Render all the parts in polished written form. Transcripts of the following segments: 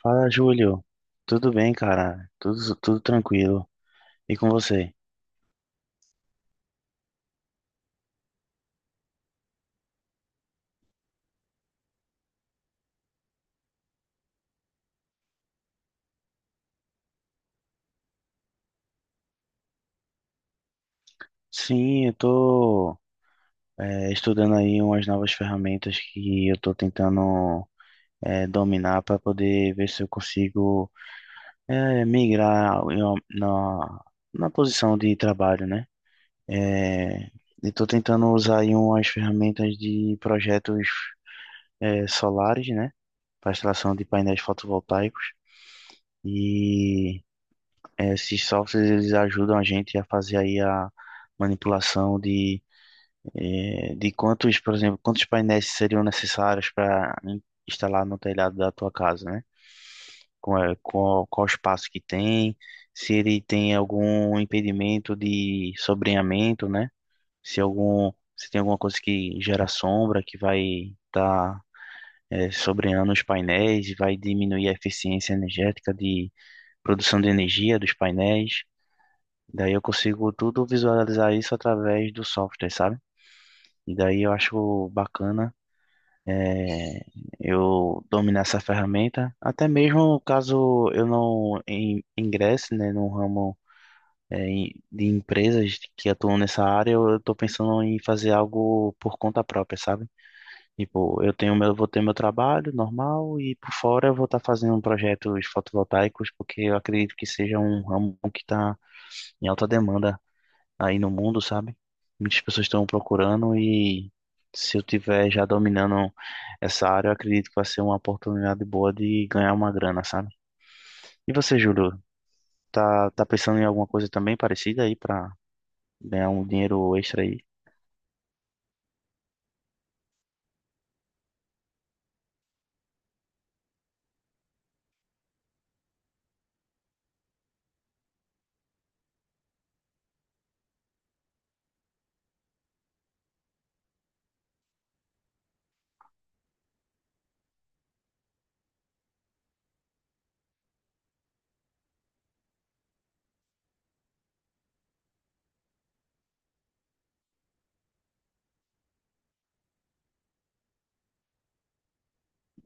Fala, Júlio. Tudo bem, cara? Tudo tranquilo. E com você? Sim, eu tô estudando aí umas novas ferramentas que eu tô tentando dominar para poder ver se eu consigo migrar na posição de trabalho, né? É, e tô tentando usar aí umas ferramentas de projetos solares, né? Para instalação de painéis fotovoltaicos. e É, esses softwares eles ajudam a gente a fazer aí a manipulação de quantos, por exemplo, quantos painéis seriam necessários para instalar no telhado da tua casa, né? Qual qual espaço que tem, se ele tem algum impedimento de sobreamento, né? Se algum, se tem alguma coisa que gera sombra que vai estar, sobreando os painéis e vai diminuir a eficiência energética de produção de energia dos painéis. Daí eu consigo tudo visualizar isso através do software, sabe? E daí eu acho bacana é, eu dominar essa ferramenta, até mesmo caso eu ingresse, né, no ramo de empresas que atuam nessa área. Eu estou pensando em fazer algo por conta própria, sabe? Tipo, vou ter meu trabalho normal e, por fora, eu vou estar fazendo projetos fotovoltaicos, porque eu acredito que seja um ramo que está em alta demanda aí no mundo, sabe? Muitas pessoas estão procurando e, se eu tiver já dominando essa área, eu acredito que vai ser uma oportunidade boa de ganhar uma grana, sabe? E você, Júlio, tá pensando em alguma coisa também parecida aí pra ganhar um dinheiro extra aí?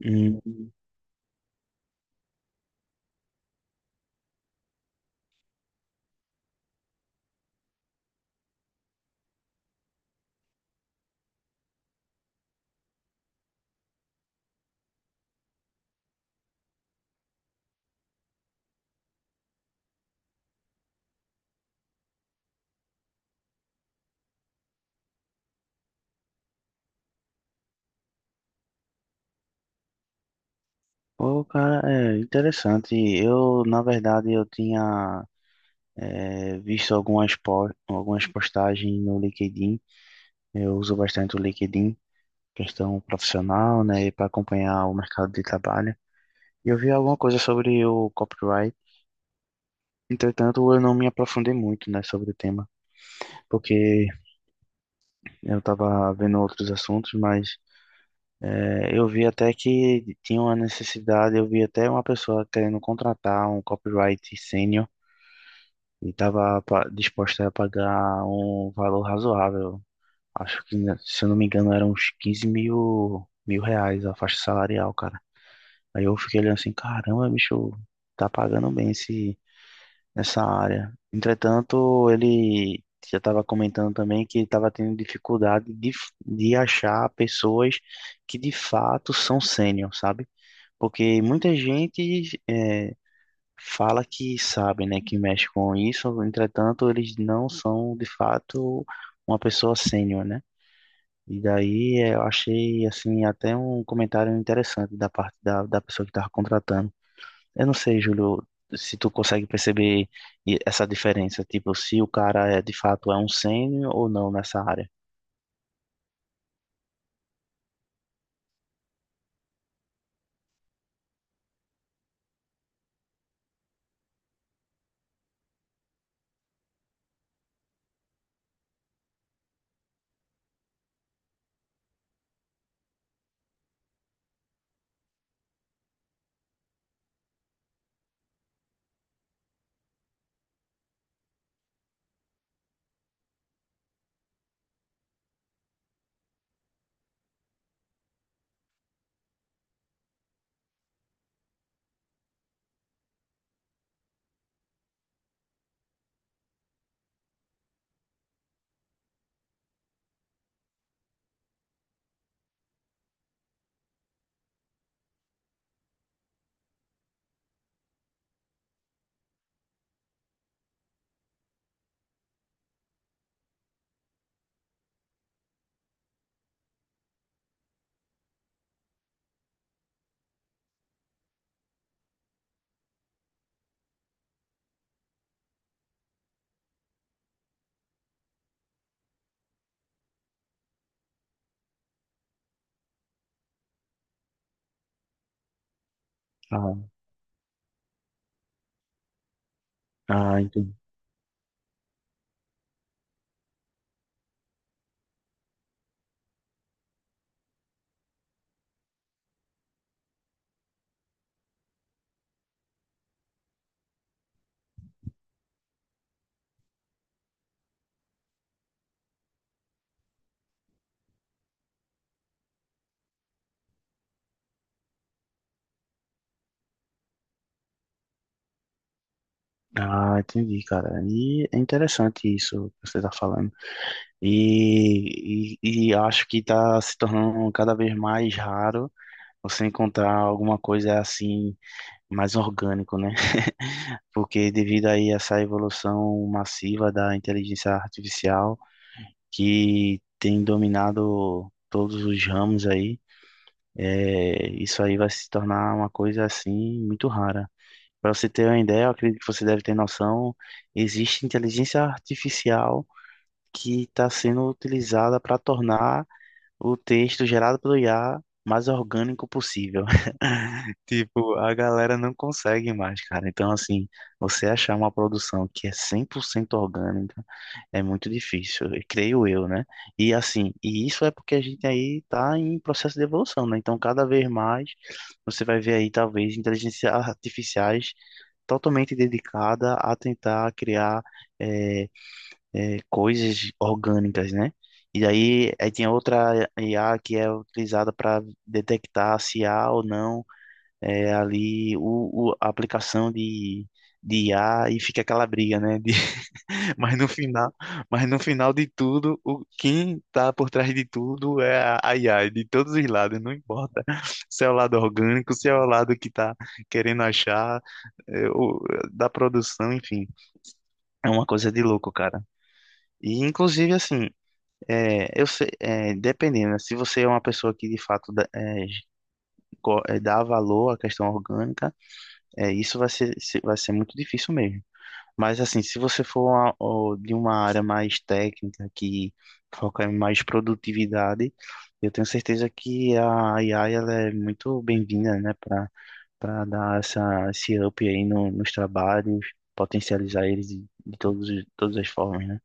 Hum. Pô, cara, é interessante. Eu, na verdade, eu tinha visto algumas, algumas postagens no LinkedIn. Eu uso bastante o LinkedIn, questão profissional, né, para acompanhar o mercado de trabalho. Eu vi alguma coisa sobre o copyright, entretanto eu não me aprofundei muito, né, sobre o tema, porque eu estava vendo outros assuntos, mas eu vi até que tinha uma necessidade, eu vi até uma pessoa querendo contratar um copyright sênior e estava disposta a pagar um valor razoável. Acho que, né, se eu não me engano, eram uns mil reais a faixa salarial, cara. Aí eu fiquei olhando assim, caramba, bicho, tá pagando bem esse nessa área. Entretanto, ele já estava comentando também que estava tendo dificuldade de achar pessoas que de fato são sênior, sabe? Porque muita gente fala que sabe, né, que mexe com isso, entretanto, eles não são de fato uma pessoa sênior, né? E daí eu achei assim até um comentário interessante da parte da pessoa que estava contratando. Eu não sei, Júlio, se tu consegue perceber essa diferença, tipo, se o cara é de fato um sênior ou não nessa área. Ah, ah, entendi. Ah, entendi, cara. E é interessante isso que você está falando. E acho que está se tornando cada vez mais raro você encontrar alguma coisa assim mais orgânico, né? Porque devido aí a essa evolução massiva da inteligência artificial que tem dominado todos os ramos aí. É, isso aí vai se tornar uma coisa assim muito rara. Para você ter uma ideia, eu acredito que você deve ter noção, existe inteligência artificial que está sendo utilizada para tornar o texto gerado pelo IA mais orgânico possível. Tipo, a galera não consegue mais, cara. Então, assim, você achar uma produção que é 100% orgânica é muito difícil, creio eu, né? E, assim, e isso é porque a gente aí tá em processo de evolução, né? Então, cada vez mais você vai ver aí, talvez, inteligências artificiais totalmente dedicada a tentar criar eh, coisas orgânicas, né? Aí tem outra IA que é utilizada para detectar se há ou não ali a aplicação de I a, e fica aquela briga, né? Mas no final, mas no final de tudo, quem tá por trás de tudo é a I a de todos os lados, não importa se é o lado orgânico, se é o lado que tá querendo achar, é, o- da produção, enfim, é uma coisa de louco, cara. E, inclusive, assim, eu sei, dependendo, né, se você é uma pessoa que de fato dá, dá valor à questão orgânica, é, isso vai ser, se- vai ser muito difícil mesmo. Mas assim, se você for de uma área mais técnica, que foca em mais produtividade, eu tenho certeza que a AI ela é muito bem-vinda, né, para dar esse up aí nos trabalhos, potencializar eles de todos, todas as formas, né?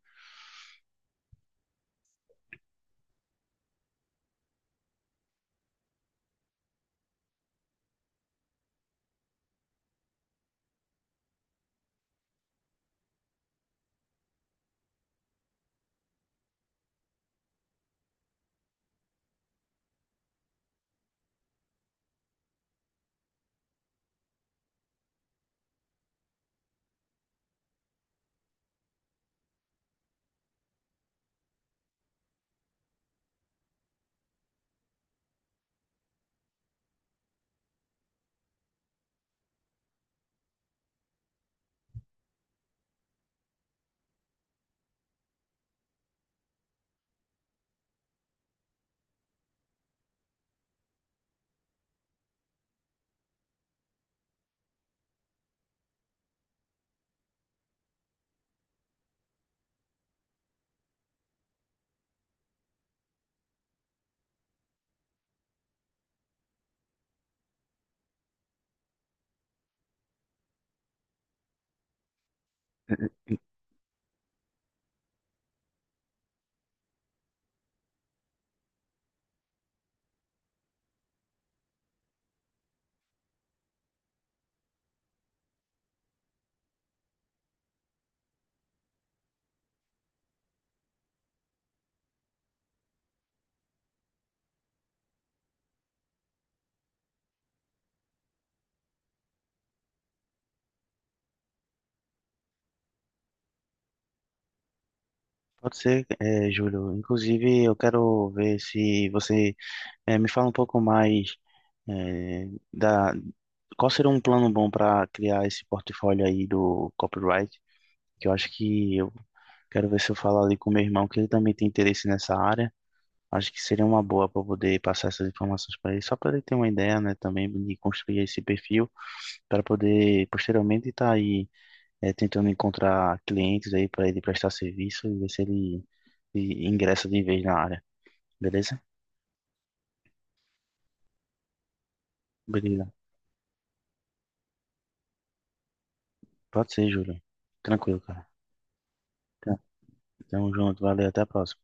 Pode ser, é, Júlio. Inclusive, eu quero ver se você é, me fala um pouco mais é, da qual seria um plano bom para criar esse portfólio aí do copyright, que eu acho que eu quero ver se eu falo ali com meu irmão, que ele também tem interesse nessa área. Acho que seria uma boa para poder passar essas informações para ele, só para ele ter uma ideia, né, também de construir esse perfil para poder posteriormente estar aí tentando encontrar clientes aí para ele prestar serviço e ver se ele ingressa de vez na área. Beleza? Beleza. Pode ser, Júlio. Tranquilo, cara. Tamo junto, valeu, até a próxima.